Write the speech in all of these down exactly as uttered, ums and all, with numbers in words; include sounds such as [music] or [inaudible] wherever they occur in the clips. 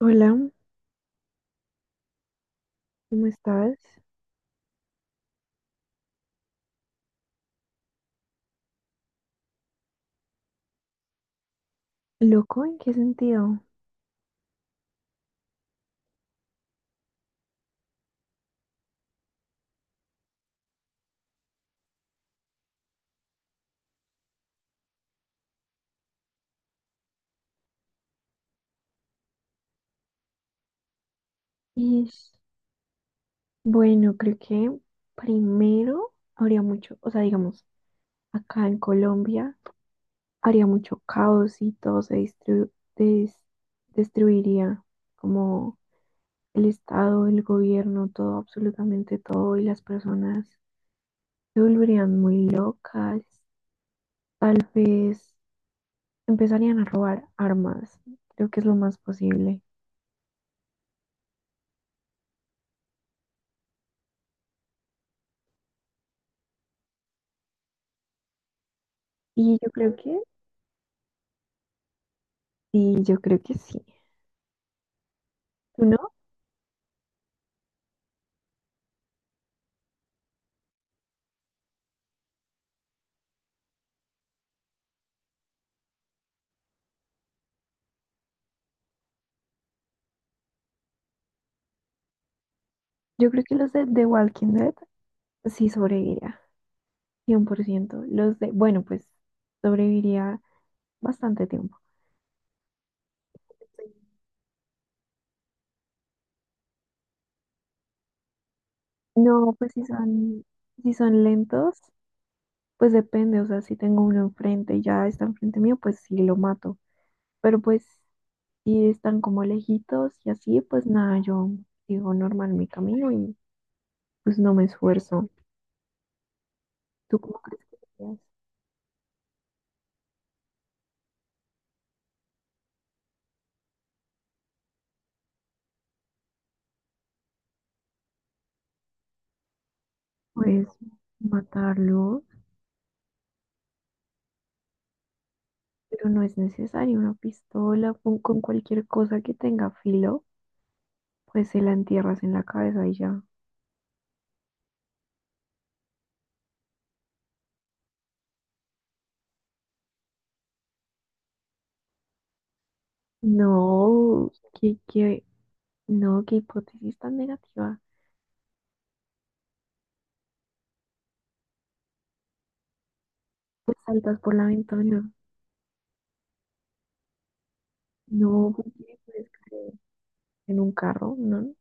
Hola, ¿cómo estás? ¿Loco? ¿En qué sentido? Ish, bueno, creo que primero habría mucho, o sea, digamos, acá en Colombia habría mucho caos y todo se distru- des- destruiría, como el Estado, el gobierno, todo, absolutamente todo, y las personas se volverían muy locas, tal vez empezarían a robar armas, creo que es lo más posible. Y yo creo que, sí, yo creo que sí. ¿Tú no? Yo creo que los de The Walking Dead sí sobreviviría, cien por ciento. Los de, bueno, pues sobreviviría bastante tiempo. No, pues si son, si son lentos, pues depende, o sea, si tengo uno enfrente y ya está enfrente mío, pues sí lo mato. Pero pues si están como lejitos y así, pues nada, yo sigo normal mi camino y pues no me esfuerzo. ¿Tú cómo crees que podrías, pues matarlo? Pero no es necesario una pistola, pon- con cualquier cosa que tenga filo, pues se la entierras en la cabeza y ya. No, qué, qué, no, qué hipótesis tan negativa. Pues saltas por la ventana. No, porque puedes caer en un carro, ¿no?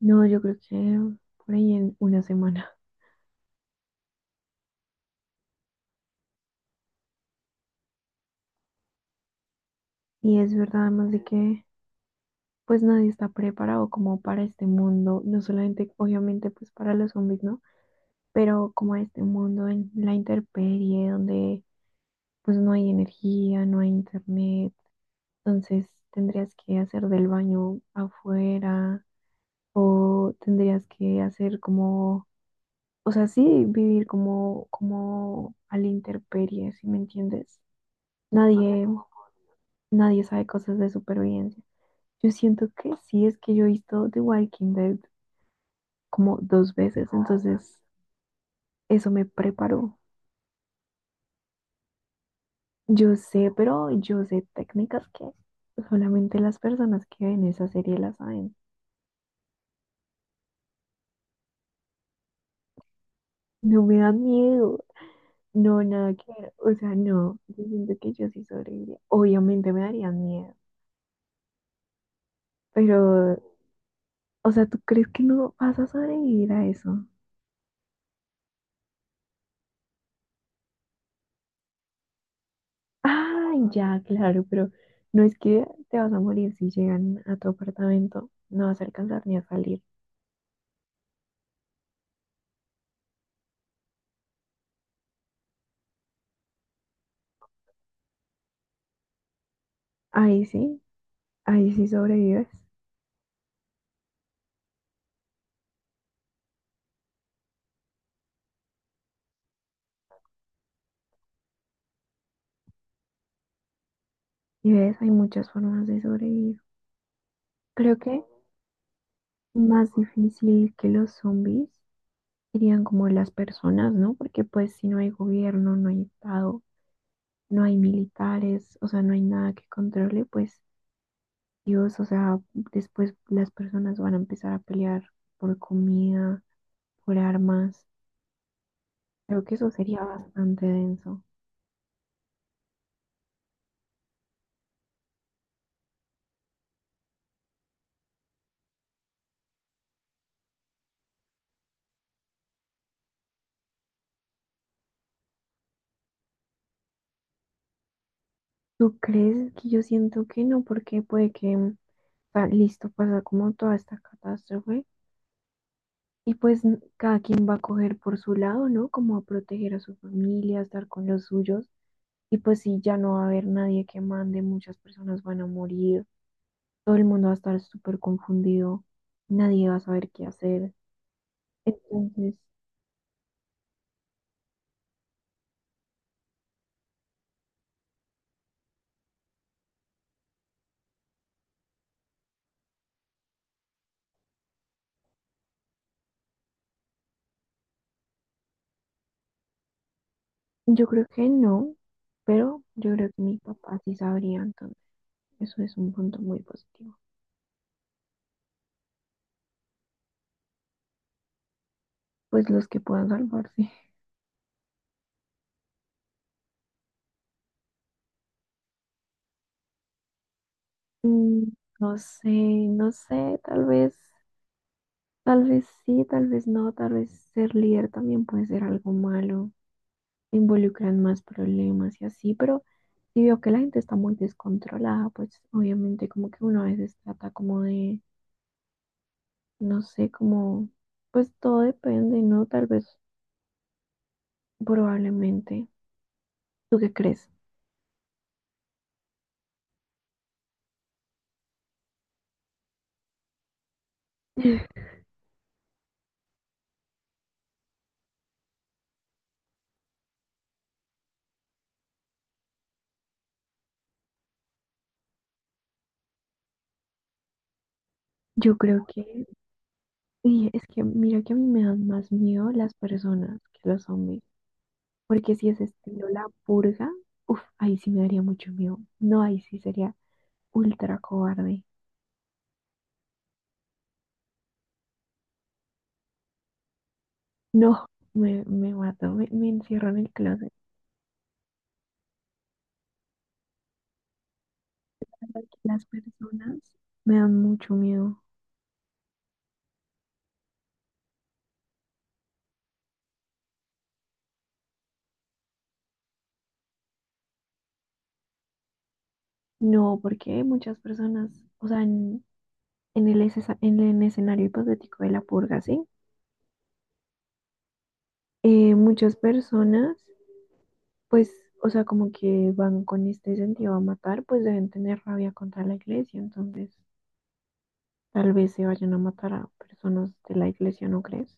No, yo creo que por ahí en una semana. Y es verdad, además de que pues nadie está preparado como para este mundo, no solamente obviamente pues para los zombies, ¿no? Pero como este mundo en la intemperie, donde pues no hay energía, no hay internet, entonces tendrías que hacer del baño afuera o tendrías que hacer como, o sea, sí, vivir como, como a la intemperie, ¿si me entiendes? Nadie, nadie sabe cosas de supervivencia. Yo siento que sí, es que yo he visto The Walking Dead como dos veces, entonces eso me preparó. Yo sé, pero yo sé técnicas que solamente las personas que ven esa serie las saben. No me da miedo. No, nada que ver. O sea, no. Yo siento que yo sí sobreviviría. Obviamente me darían miedo. Pero, o sea, ¿tú crees que no vas a sobrevivir a eso? Ay, ya, claro, pero no es que te vas a morir si llegan a tu apartamento. No vas a alcanzar ni a salir. Ahí sí, ahí sí sobrevives. Y ves, hay muchas formas de sobrevivir. Creo que más difícil que los zombies serían como las personas, ¿no? Porque pues si no hay gobierno, no hay estado. No hay militares, o sea, no hay nada que controle, pues Dios, o sea, después las personas van a empezar a pelear por comida, por armas. Creo que eso sería bastante denso. ¿Tú crees que yo siento que no? Porque puede que, o sea, listo, pasa como toda esta catástrofe y pues n- cada quien va a coger por su lado, ¿no? Como a proteger a su familia, a estar con los suyos. Y pues si ya no va a haber nadie que mande, muchas personas van a morir. Todo el mundo va a estar súper confundido, nadie va a saber qué hacer. Entonces, yo creo que no, pero yo creo que mi papá sí sabría, entonces eso es un punto muy positivo. Pues los que puedan salvarse. [laughs] Mm, no sé, no sé, tal vez, tal vez sí, tal vez no, tal vez ser líder también puede ser algo malo, involucran más problemas y así, pero si veo que la gente está muy descontrolada, pues obviamente como que uno a veces trata como de no sé, cómo pues todo depende, ¿no? Tal vez, probablemente. ¿Tú qué crees? [laughs] Yo creo que, y es que mira que a mí me dan más miedo las personas que los zombies, porque si es estilo la purga, uff, ahí sí me daría mucho miedo. No, ahí sí sería ultra cobarde. No, me, me mato, me, me encierro en el closet. Las personas me dan mucho miedo. No, porque muchas personas, o sea, n- en el, escesa- en el escenario hipotético de la purga, ¿sí? Eh, muchas personas, pues, o sea, como que van con este sentido a matar, pues deben tener rabia contra la iglesia, entonces tal vez se vayan a matar a personas de la iglesia, ¿no crees?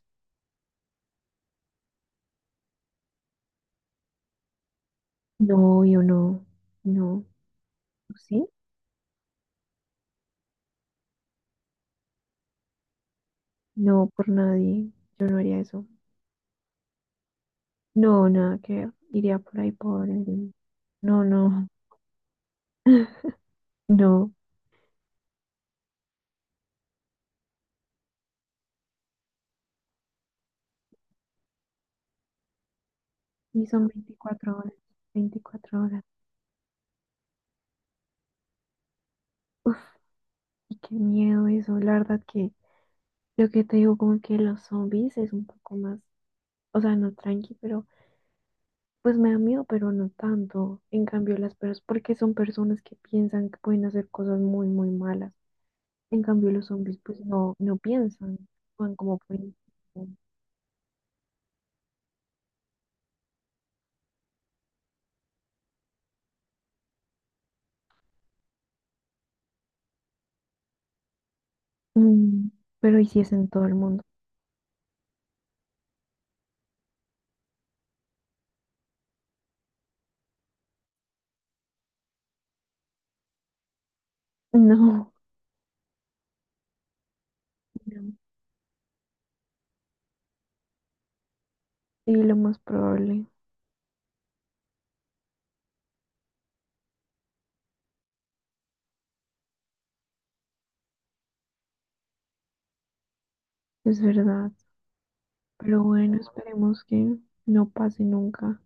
No, yo no, no, ¿sí? No, por nadie, yo no haría eso. No, nada que ver, iría por ahí por el... No, no, [laughs] no, y son veinticuatro horas, veinticuatro horas. Uf. Y qué miedo eso, la verdad que lo que te digo como que los zombies es un poco más, o sea, no tranqui, pero pues me da miedo, pero no tanto. En cambio las personas, porque son personas que piensan que pueden hacer cosas muy, muy malas. En cambio los zombies pues no, no piensan, van como por instinto. Mm, pero y si es en todo el mundo. [laughs] No, no. Sí, lo más probable, es verdad. Pero bueno, esperemos que no pase nunca.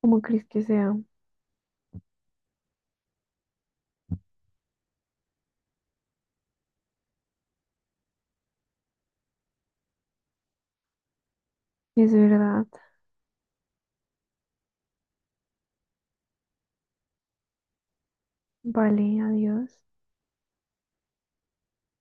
Como crees que sea, es verdad. Vale, adiós.